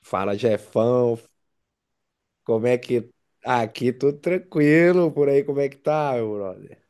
Fala, Jefão, como é que. Aqui tudo tranquilo, por aí como é que tá, meu brother?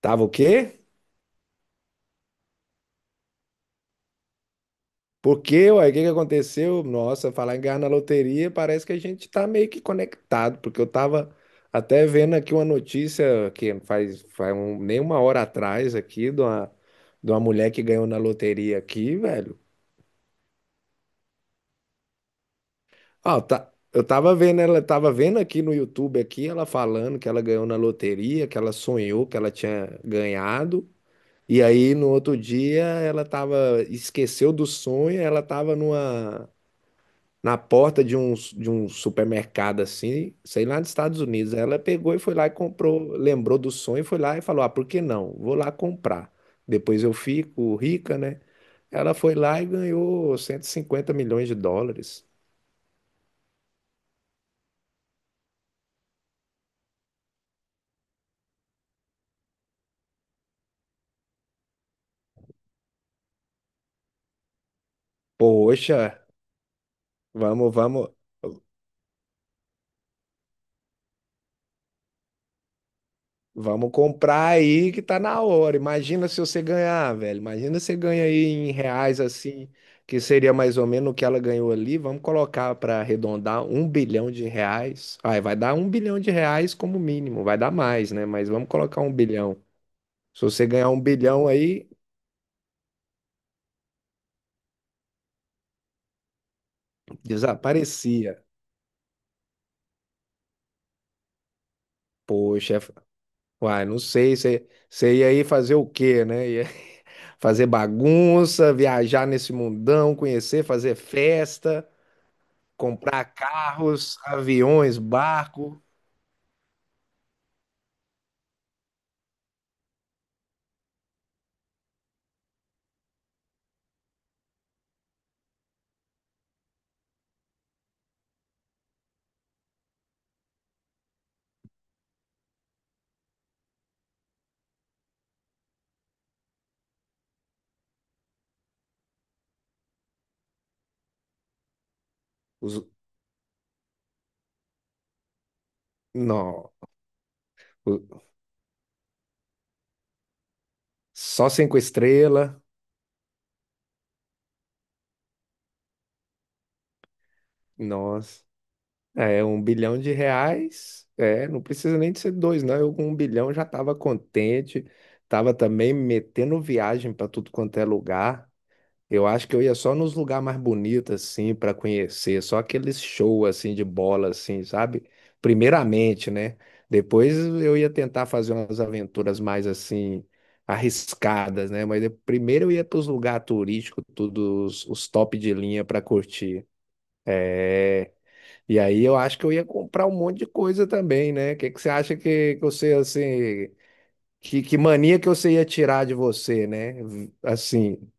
Tava o quê? Por quê, uai? O que que aconteceu? Nossa, falar em ganhar na loteria, parece que a gente tá meio que conectado, porque eu tava até vendo aqui uma notícia que faz nem uma hora atrás aqui de uma mulher que ganhou na loteria aqui, velho. Ah, tá, eu tava vendo, ela tava vendo aqui no YouTube aqui, ela falando que ela ganhou na loteria, que ela sonhou que ela tinha ganhado. E aí, no outro dia, ela tava, esqueceu do sonho, ela tava numa, na porta de um supermercado, assim, sei lá, nos Estados Unidos. Ela pegou e foi lá e comprou, lembrou do sonho, foi lá e falou, ah, por que não? Vou lá comprar. Depois eu fico rica, né? Ela foi lá e ganhou 150 milhões de dólares. Poxa, vamos, vamos. Vamos comprar aí que tá na hora. Imagina se você ganhar, velho. Imagina se você ganha aí em reais assim, que seria mais ou menos o que ela ganhou ali. Vamos colocar para arredondar 1 bilhão de reais. Aí vai dar 1 bilhão de reais como mínimo. Vai dar mais, né? Mas vamos colocar 1 bilhão. Se você ganhar 1 bilhão aí, desaparecia. Poxa, uai, não sei. Você ia aí fazer o quê, né? Ia fazer bagunça, viajar nesse mundão, conhecer, fazer festa. Comprar carros, aviões, barco. Os... Não. O- Só cinco estrelas. Nossa. É, 1 bilhão de reais. É, não precisa nem de ser dois, não. Eu com 1 bilhão já estava contente. Tava também metendo viagem para tudo quanto é lugar. Eu acho que eu ia só nos lugares mais bonitos, assim, para conhecer, só aqueles shows, assim, de bola, assim, sabe? Primeiramente, né? Depois eu ia tentar fazer umas aventuras mais, assim, arriscadas, né? Primeiro eu ia para os lugares turísticos, todos os top de linha para curtir. É, e aí eu acho que eu ia comprar um monte de coisa também, né? O que que você acha que você, assim, que mania que você ia tirar de você, né? Assim,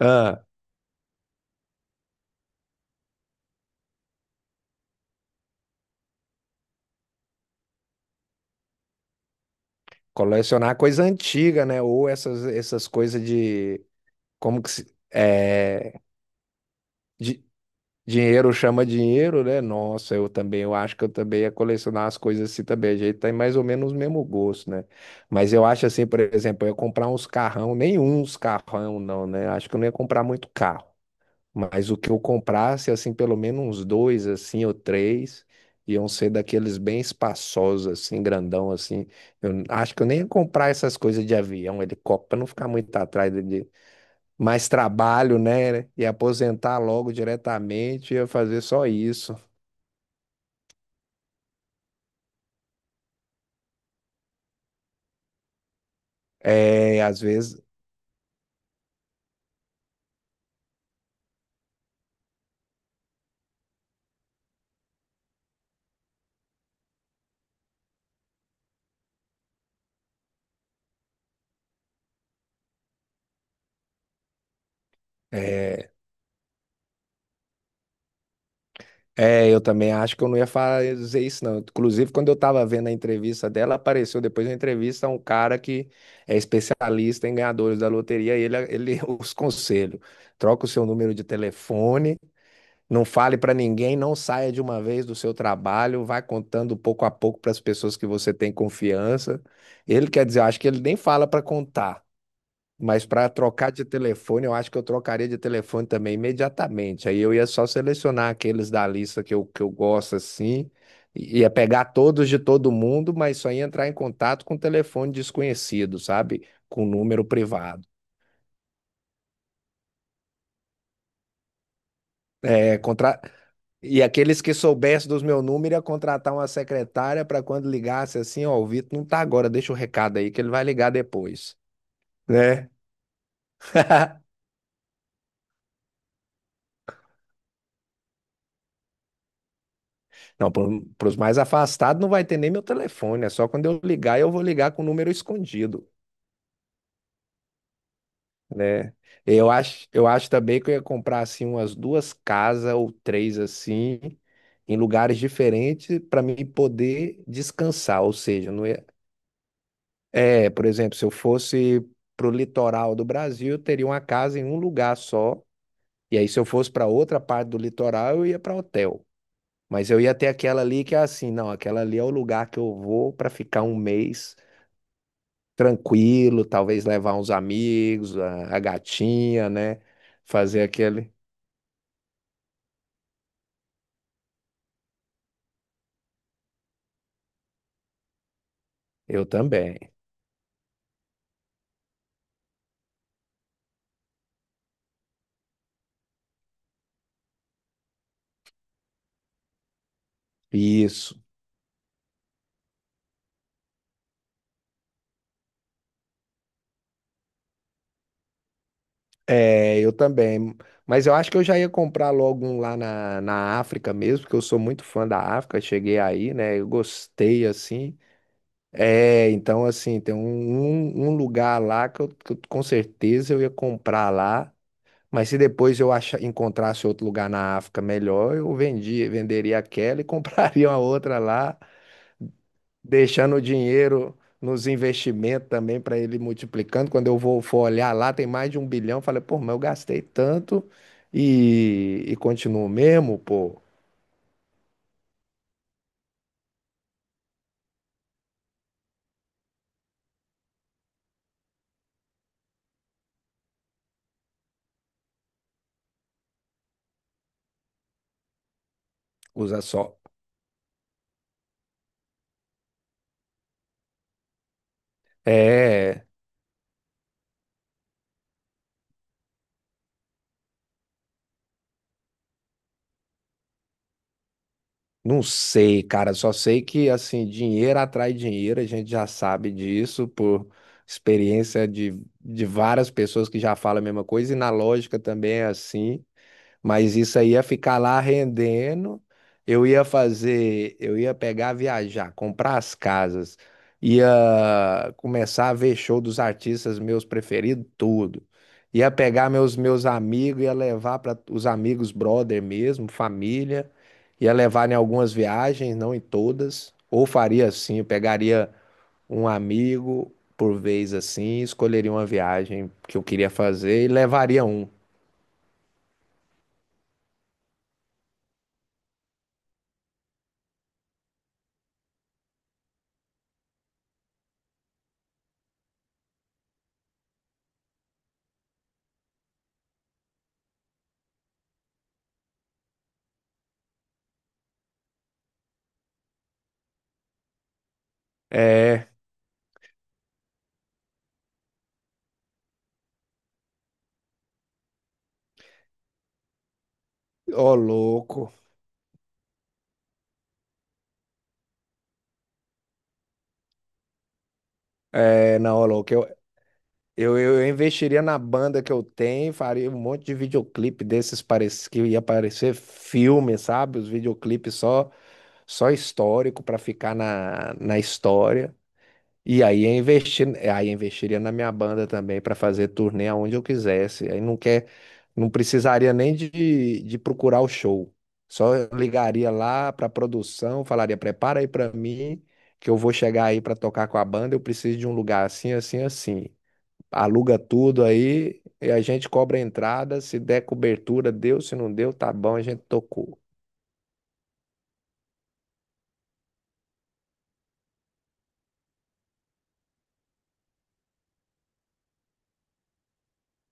ah. Colecionar coisa antiga, né? Ou essas coisas de. Como que se. É, de, dinheiro chama dinheiro, né? Nossa, eu também. Eu acho que eu também ia colecionar as coisas assim também. A gente tem mais ou menos o mesmo gosto, né? Mas eu acho assim, por exemplo, eu ia comprar uns carrão. Nenhum uns carrão, não, né? Acho que eu não ia comprar muito carro. Mas o que eu comprasse, assim, pelo menos uns dois, assim, ou três, iam ser daqueles bem espaçosos, assim, grandão, assim. Acho que eu nem ia comprar essas coisas de avião, helicóptero, para não ficar muito atrás de mais trabalho, né? E aposentar logo diretamente, ia fazer só isso. É, às vezes. é, É, eu também acho que eu não ia fazer isso, não. Inclusive, quando eu tava vendo a entrevista dela, apareceu depois da entrevista um cara que é especialista em ganhadores da loteria, e ele os conselhos. Troca o seu número de telefone, não fale pra ninguém, não saia de uma vez do seu trabalho, vai contando pouco a pouco para as pessoas que você tem confiança. Ele quer dizer, eu acho que ele nem fala pra contar. Mas para trocar de telefone, eu acho que eu trocaria de telefone também imediatamente. Aí eu ia só selecionar aqueles da lista que eu gosto assim, ia pegar todos de todo mundo, mas só ia entrar em contato com telefone desconhecido, sabe? Com número privado. É. E aqueles que soubessem dos meu número ia contratar uma secretária para quando ligasse assim, ó, o Vitor não tá agora, deixa o recado aí que ele vai ligar depois, né? Não, para os mais afastados não vai ter nem meu telefone, é só quando eu ligar, eu vou ligar com o número escondido, né? Eu acho também que eu ia comprar assim umas duas casas ou três assim, em lugares diferentes para mim poder descansar, ou seja, não ia... É, por exemplo, se eu fosse pro litoral do Brasil, eu teria uma casa em um lugar só, e aí se eu fosse para outra parte do litoral, eu ia para hotel. Mas eu ia ter aquela ali que é assim, não, aquela ali é o lugar que eu vou para ficar um mês tranquilo, talvez levar uns amigos, a gatinha, né? Fazer aquele. Eu também. Isso. É, eu também. Mas eu acho que eu já ia comprar logo um lá na África mesmo, porque eu sou muito fã da África. Cheguei aí, né? Eu gostei assim. É, então assim, tem um lugar lá com certeza eu ia comprar lá. Mas se depois eu achar, encontrasse outro lugar na África melhor, eu vendia, venderia aquela e compraria uma outra lá. Deixando o dinheiro nos investimentos também para ele ir multiplicando. Quando eu vou for olhar lá, tem mais de 1 bilhão. Falei, pô, mas eu gastei tanto e continuo mesmo, pô. Usa só. É, não sei, cara. Só sei que assim, dinheiro atrai dinheiro, a gente já sabe disso por experiência de várias pessoas que já falam a mesma coisa, e na lógica também é assim. Mas isso aí ia ficar lá rendendo. Eu ia fazer, eu ia pegar, viajar, comprar as casas, ia começar a ver show dos artistas meus preferidos, tudo. Ia pegar meus amigos, ia levar para os amigos brother mesmo, família, ia levar em algumas viagens, não em todas. Ou faria assim, eu pegaria um amigo por vez assim, escolheria uma viagem que eu queria fazer e levaria um. É, ô louco. É, não, ô louco, eu investiria na banda que eu tenho, faria um monte de videoclipe desses parece, que ia parecer filme, sabe? Os videoclipes só, só histórico para ficar na história. E aí eu investi, aí eu investiria na minha banda também para fazer turnê aonde eu quisesse. Aí não quer, não precisaria nem de procurar o show. Só eu ligaria lá para a produção, falaria: prepara aí para mim, que eu vou chegar aí para tocar com a banda. Eu preciso de um lugar assim, assim, assim. Aluga tudo aí e a gente cobra a entrada. Se der cobertura, deu. Se não deu, tá bom, a gente tocou.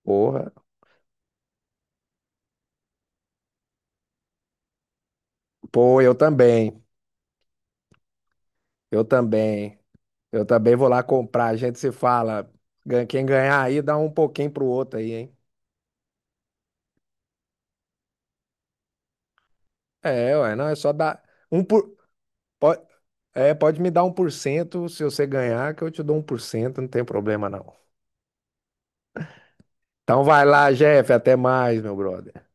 Porra. Pô, eu também. Eu também. Eu também vou lá comprar. A gente se fala. Quem ganhar aí, dá um pouquinho pro outro aí, hein? É, ué, não, é só dar. Um por... pode, pode me dar 1% se você ganhar, que eu te dou 1%, não tem problema não. Então vai lá, Jeff. Até mais, meu brother.